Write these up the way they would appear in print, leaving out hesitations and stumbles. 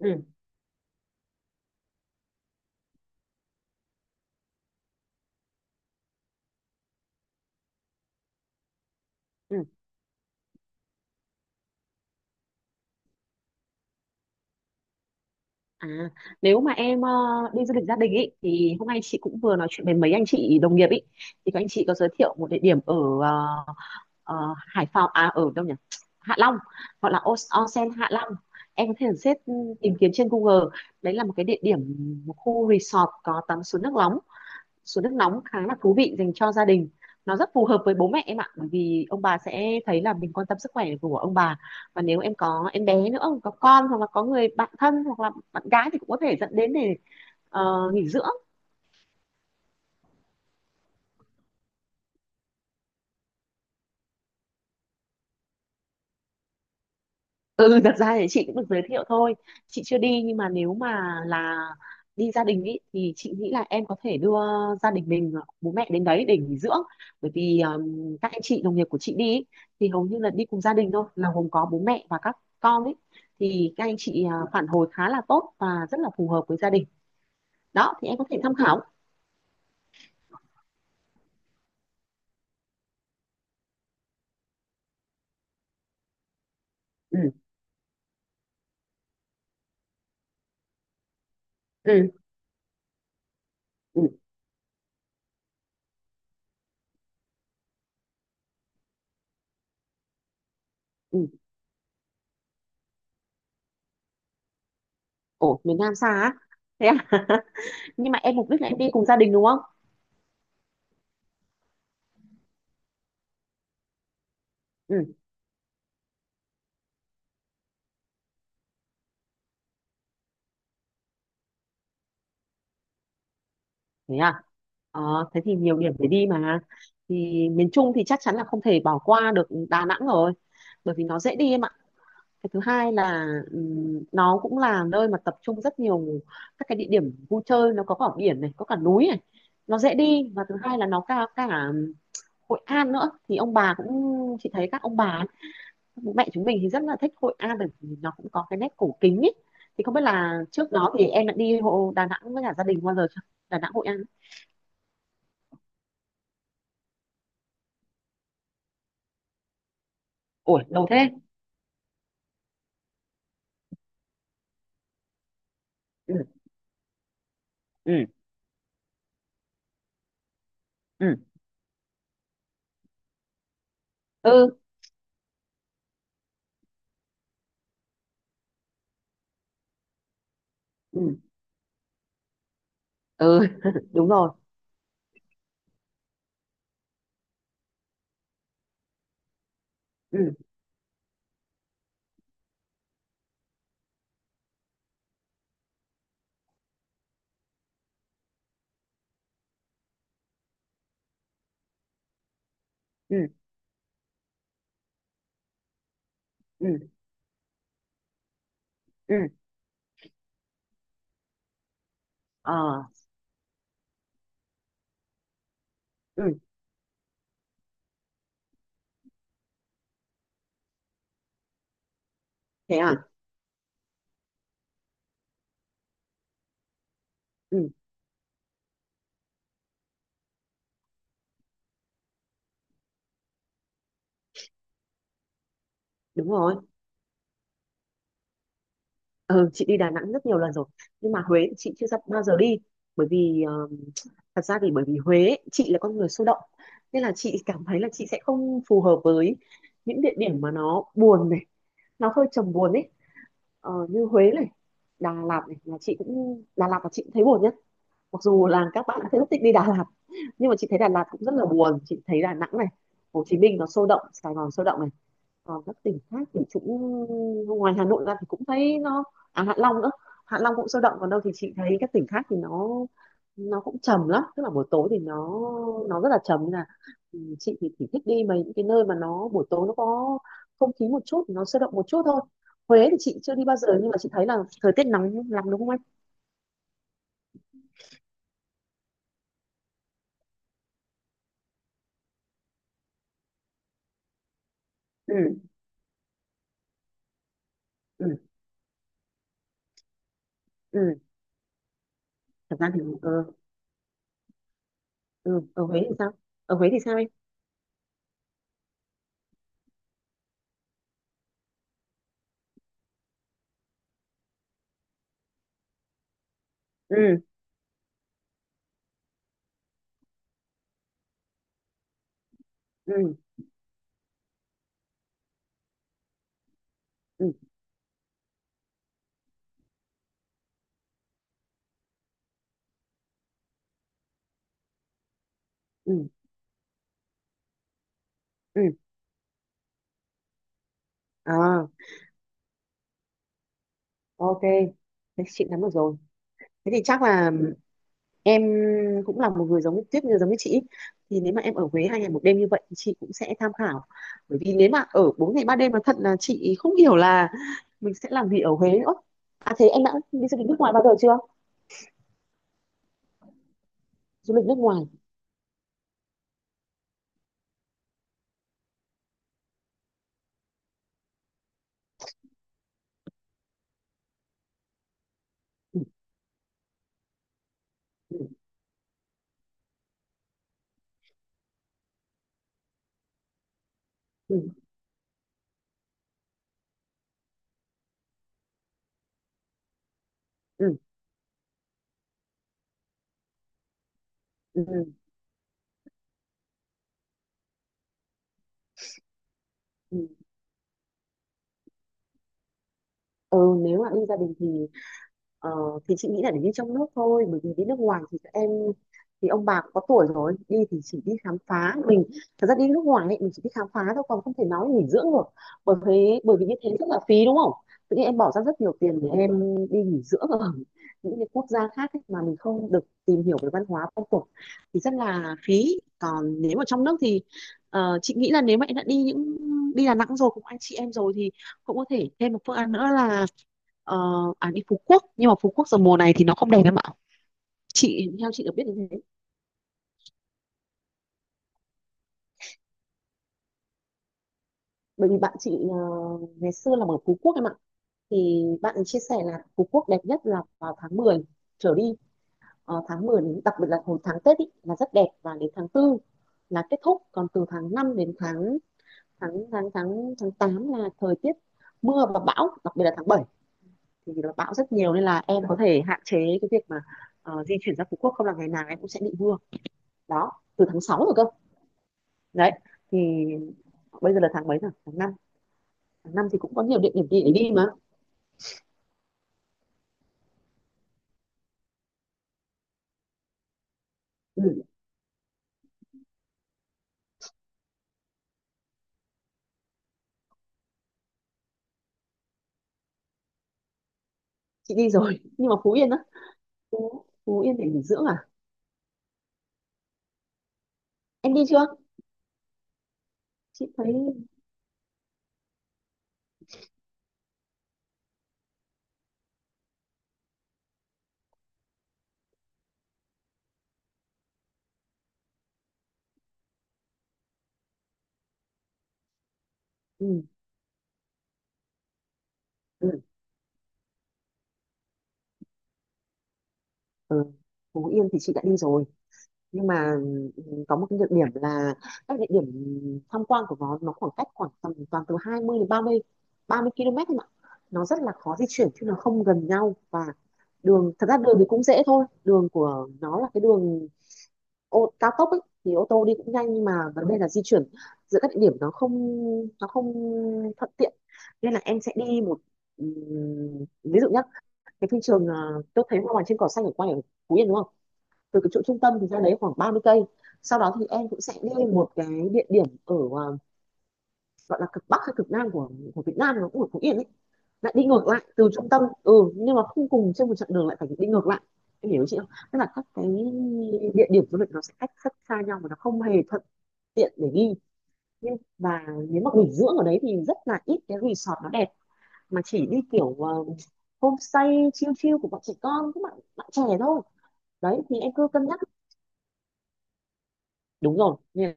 ừ, ừ. À, nếu mà em đi du lịch gia đình ý thì hôm nay chị cũng vừa nói chuyện với mấy anh chị đồng nghiệp ý, thì các anh chị có giới thiệu một địa điểm ở ờ, ờ, Hải Phòng à, ở đâu nhỉ? Hạ Long. Gọi là onsen Hạ Long. Em có thể tìm kiếm trên Google. Đấy là một cái địa điểm, một khu resort có tắm suối nước nóng. Suối nước nóng khá là thú vị, dành cho gia đình, nó rất phù hợp với bố mẹ em ạ, bởi vì ông bà sẽ thấy là mình quan tâm sức khỏe của ông bà. Và nếu em có em bé nữa, có con, hoặc là có người bạn thân hoặc là bạn gái thì cũng có thể dẫn đến để nghỉ dưỡng. Ừ, ừ, thật ra thì chị cũng được giới thiệu thôi, chị chưa đi, nhưng mà nếu mà là đi gia đình ý, thì chị nghĩ là em có thể đưa gia đình mình, bố mẹ, đến đấy để nghỉ dưỡng. Bởi vì các anh chị đồng nghiệp của chị đi ý, thì hầu như là đi cùng gia đình thôi, là gồm có bố mẹ và các con ấy, thì các anh chị à, phản hồi khá là tốt và rất là phù hợp với gia đình. Đó thì em có thể tham khảo. Ừ, ừ, ừ, ừ. Ồ, miền Nam xa á? Thế à? Nhưng mà em mục đích là em đi cùng gia đình đúng không? Ừ, thế à. Ờ, Thế thì nhiều điểm để đi mà. Thì miền Trung thì chắc chắn là không thể bỏ qua được Đà Nẵng rồi, bởi vì nó dễ đi em ạ. Cái thứ hai là nó cũng là nơi mà tập trung rất nhiều các cái địa điểm vui chơi, nó có cả biển này, có cả núi này, nó dễ đi, và thứ hai là nó cả cả Hội An nữa, thì ông bà cũng, chị thấy các ông bà ấy, bố mẹ chúng mình thì rất là thích Hội An bởi vì nó cũng có cái nét cổ kính ấy. Thì không biết là trước đó thì em đã đi Đà Nẵng với cả gia đình bao giờ chưa, Đà Nẵng Hội An? Ủa lâu thế. Ừ. Ừ. Ừ, ừ, ừ, ừ, đúng rồi. Ừ, ừ, ừ, ừ, ờ, ừ, thế à. Ừ, đúng rồi. Ừ, chị đi Đà Nẵng rất nhiều lần rồi, nhưng mà Huế thì chị chưa bao giờ đi, bởi vì thật ra thì, bởi vì Huế ấy, chị là con người sôi động nên là chị cảm thấy là chị sẽ không phù hợp với những địa điểm mà nó buồn này, nó hơi trầm buồn ấy. Như Huế này, Đà Lạt này là chị cũng, Đà Lạt là chị cũng thấy buồn nhá, mặc dù là các bạn đã rất thích đi Đà Lạt, nhưng mà chị thấy Đà Lạt cũng rất là buồn. Chị thấy Đà Nẵng này, Hồ Chí Minh nó sôi động, Sài Gòn sôi động này, còn các tỉnh khác thì cũng, ngoài Hà Nội ra thì cũng thấy nó, à Hạ Long nữa, Hạ Long cũng sôi động, còn đâu thì chị thấy các tỉnh khác thì nó cũng trầm lắm, tức là buổi tối thì nó rất là trầm, nên là ừ, chị thì chỉ thích đi mấy những cái nơi mà nó buổi tối nó có không khí một chút, nó sôi động một chút thôi. Huế thì chị chưa đi bao giờ, nhưng mà chị thấy là thời tiết nóng lắm đúng không anh? Ừ. Ừ, ừ, thật ra thì ừ, ở Huế thì sao? Ở Huế thì sao em? Ừ, ừ, ừ, ừ, ừ. À, ok, thế chị nắm được rồi. Thế thì chắc là em cũng là một người giống như Tuyết, như giống như chị ý. Thì nếu mà em ở Huế 2 ngày 1 đêm như vậy thì chị cũng sẽ tham khảo, bởi vì nếu mà ở 4 ngày 3 đêm mà thật là chị không hiểu là mình sẽ làm gì ở Huế nữa. À, thế em đã đi du lịch nước ngoài bao giờ chưa? Du lịch nước ngoài. Ừ, ừ, ừ, ừ, ừ, ừ. Ừ, nếu mà đi gia đình thì ờ, thì chị nghĩ là để đi trong nước thôi, bởi vì đi nước ngoài thì các em, thì ông bà cũng có tuổi rồi, đi thì chỉ đi khám phá mình. Thật ra đi nước ngoài ấy, mình chỉ đi khám phá thôi, còn không thể nói nghỉ dưỡng được. Bởi thế bởi vì như thế rất là phí đúng không? Tự nhiên em bỏ ra rất nhiều tiền để em đi nghỉ dưỡng ở những cái quốc gia khác ấy, mà mình không được tìm hiểu về văn hóa phong tục thì rất là phí. Còn nếu mà trong nước thì chị nghĩ là nếu mà em đã đi những, đi Đà Nẵng rồi cùng anh chị em rồi thì cũng có thể thêm một phương án nữa là ờ, à, đi Phú Quốc, nhưng mà Phú Quốc giờ mùa này thì nó không đẹp em ạ, chị theo chị được biết như thế. Bởi vì bạn chị ngày xưa là ở Phú Quốc em ạ, thì bạn ấy chia sẻ là Phú Quốc đẹp nhất là vào tháng 10 trở đi. Ờ, tháng 10 đến, đặc biệt là hồi tháng Tết ý, là rất đẹp, và đến tháng 4 là kết thúc. Còn từ tháng 5 đến tháng tháng tháng tháng tháng 8 là thời tiết mưa và bão, đặc biệt là tháng 7 thì nó bão rất nhiều, nên là em có thể hạn chế cái việc mà di chuyển ra Phú Quốc, không là ngày nào em cũng sẽ bị mưa. Đó, từ tháng 6 rồi cơ. Đấy. Thì bây giờ là tháng mấy rồi, tháng 5? tháng 5 thì cũng có nhiều địa điểm đi để đi mà. Ừ, chị đi rồi nhưng mà Phú Yên á? Phú, Phú Yên để nghỉ dưỡng à? Em đi chưa? Chị thấy ừ, ừ, ừ. Phú Yên thì chị đã đi rồi, nhưng mà ừ, có một cái nhược điểm là các địa điểm tham quan của nó khoảng cách khoảng tầm toàn từ 20 đến ba mươi km thôi mà, nó rất là khó di chuyển chứ nó không gần nhau. Và đường, thật ra đường thì cũng dễ thôi, đường của nó là cái đường cao tốc ấy, thì ô tô đi cũng nhanh, nhưng mà vấn đề là di chuyển giữa các địa điểm, nó không thuận tiện, nên là em sẽ đi một, ví dụ nhá, cái phim trường à, tôi thấy hoa vàng trên cỏ xanh ở quay ở Phú Yên đúng không, từ cái chỗ trung tâm thì ra đấy khoảng 30 cây. Sau đó thì em cũng sẽ đi một cái địa điểm ở à, gọi là cực bắc hay cực nam của Việt Nam, nó cũng ở Phú Yên ấy, lại đi ngược lại từ trung tâm. Ừ, nhưng mà không cùng trên một chặng đường, lại phải đi ngược lại. Em hiểu chị không, tức là các cái địa điểm du lịch nó sẽ cách rất xa nhau và nó không hề thuận tiện để đi. Nhưng và, nếu mà nghỉ dưỡng ở đấy thì rất là ít cái resort nó đẹp, mà chỉ đi kiểu homestay chill chill của bọn trẻ con, các bạn bạn trẻ thôi. Đấy thì em cứ cân nhắc, đúng rồi nên.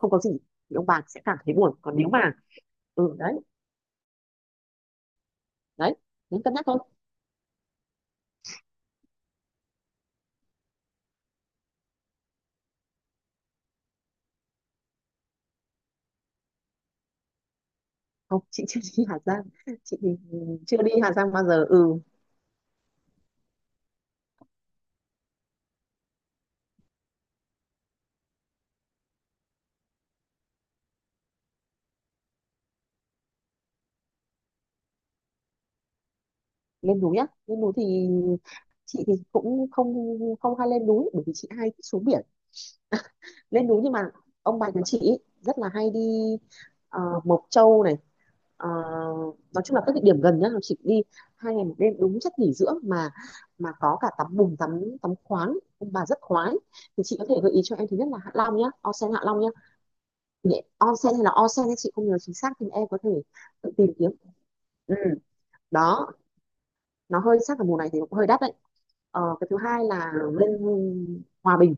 Không có gì. Thì ông bà sẽ cảm thấy buồn, còn nếu mà ừ, đấy, đấy nên cân nhắc thôi. Không, chị chưa đi Hà Giang, chị thì chưa đi Hà Giang bao giờ. Ừ. Lên núi á, lên núi thì chị thì cũng không, không hay lên núi bởi vì chị hay thích xuống biển. Lên núi, nhưng mà ông bà nhà chị ý, rất là hay đi Mộc Châu này, ờ, nói chung là các địa điểm gần nhá, chị đi 2 ngày 1 đêm đúng chất nghỉ dưỡng mà có cả tắm bùn, tắm tắm khoáng, ông bà rất khoái. Thì chị có thể gợi ý cho em, thứ nhất là Hạ Long nhá, onsen Hạ Long nhá, onsen hay là onsen thì chị không nhớ chính xác, thì em có thể tự tìm kiếm. Ừ. Đó. Nó hơi, chắc là mùa này thì cũng hơi đắt đấy. Cái thứ hai là lên Hòa Bình,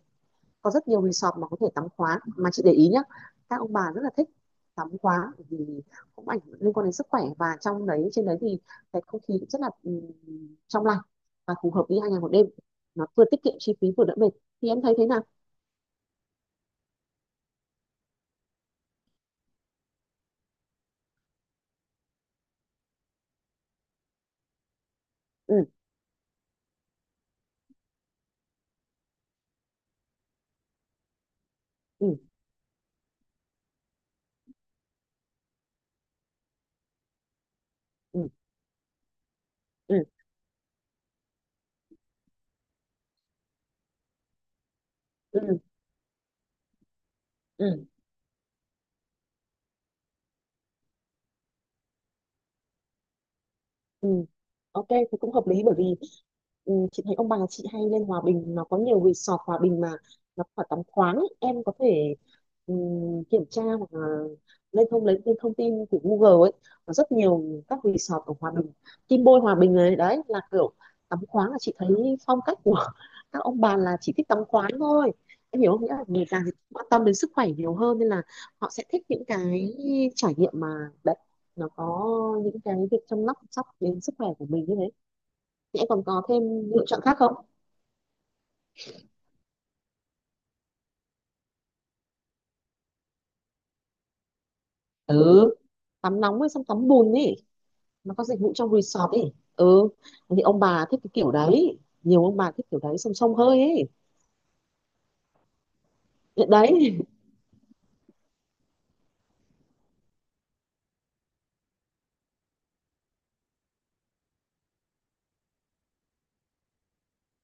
có rất nhiều resort mà có thể tắm khoáng, mà chị để ý nhá, các ông bà rất là thích tắm khoáng bởi vì cũng ảnh liên quan đến sức khỏe, và trong đấy, trên đấy thì cái không khí cũng rất là trong lành và phù hợp đi 2 ngày 1 đêm, nó vừa tiết kiệm chi phí vừa đỡ mệt. Thì em thấy thế nào? Ừ, ừ, ừ, ừ, ừ, ừ. Ừ. Ok thì cũng hợp lý, bởi vì ừ, chị thấy ông bà chị hay lên Hòa Bình, nó có nhiều resort Hòa Bình mà, nó phải tắm khoáng ấy. Em có thể ừ, kiểm tra hoặc là lên thông tin của Google ấy, có rất nhiều các resort ở Hòa Bình. Kim Bôi Hòa Bình này, đấy là kiểu tắm khoáng, là chị thấy phong cách của các ông bà là chỉ thích tắm khoáng thôi. Em hiểu không, nghĩa là người già thì quan tâm đến sức khỏe nhiều hơn, nên là họ sẽ thích những cái trải nghiệm mà, đấy, nó có những cái việc chăm sóc sóc đến sức khỏe của mình như thế. Thì em còn có thêm lựa chọn khác không? Ừ, tắm nóng với xong tắm bùn ấy, nó có dịch vụ trong resort ấy. Ừ, thì ông bà thích cái kiểu đấy, nhiều ông bà thích kiểu đấy xong xông hơi ấy. Đấy.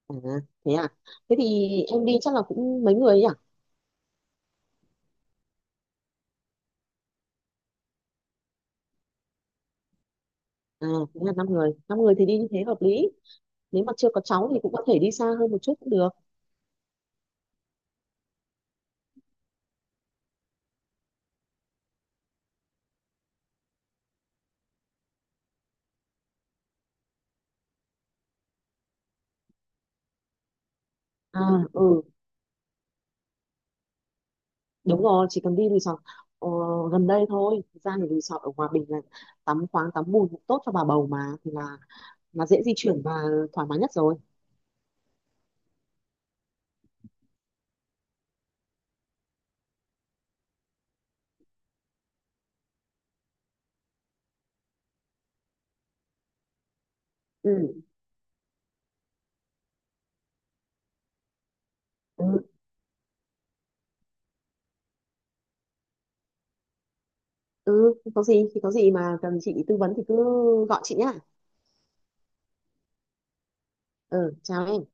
À, thế à, thế thì em đi chắc là cũng mấy người ấy à? À, thế là 5 người, 5 người thì đi như thế hợp lý. Nếu mà chưa có cháu thì cũng có thể đi xa hơn một chút cũng được. À. Ừ, đúng rồi, chỉ cần đi resort ờ, gần đây thôi. Thực ra thì resort ở Hòa Bình là tắm khoáng, tắm bùn cũng tốt cho bà bầu mà, thì là dễ di chuyển và thoải mái nhất rồi. Ừ, ừ, ừ. Không có gì, thì có gì mà cần chị tư vấn thì cứ gọi chị nhá. Ừ, chào em.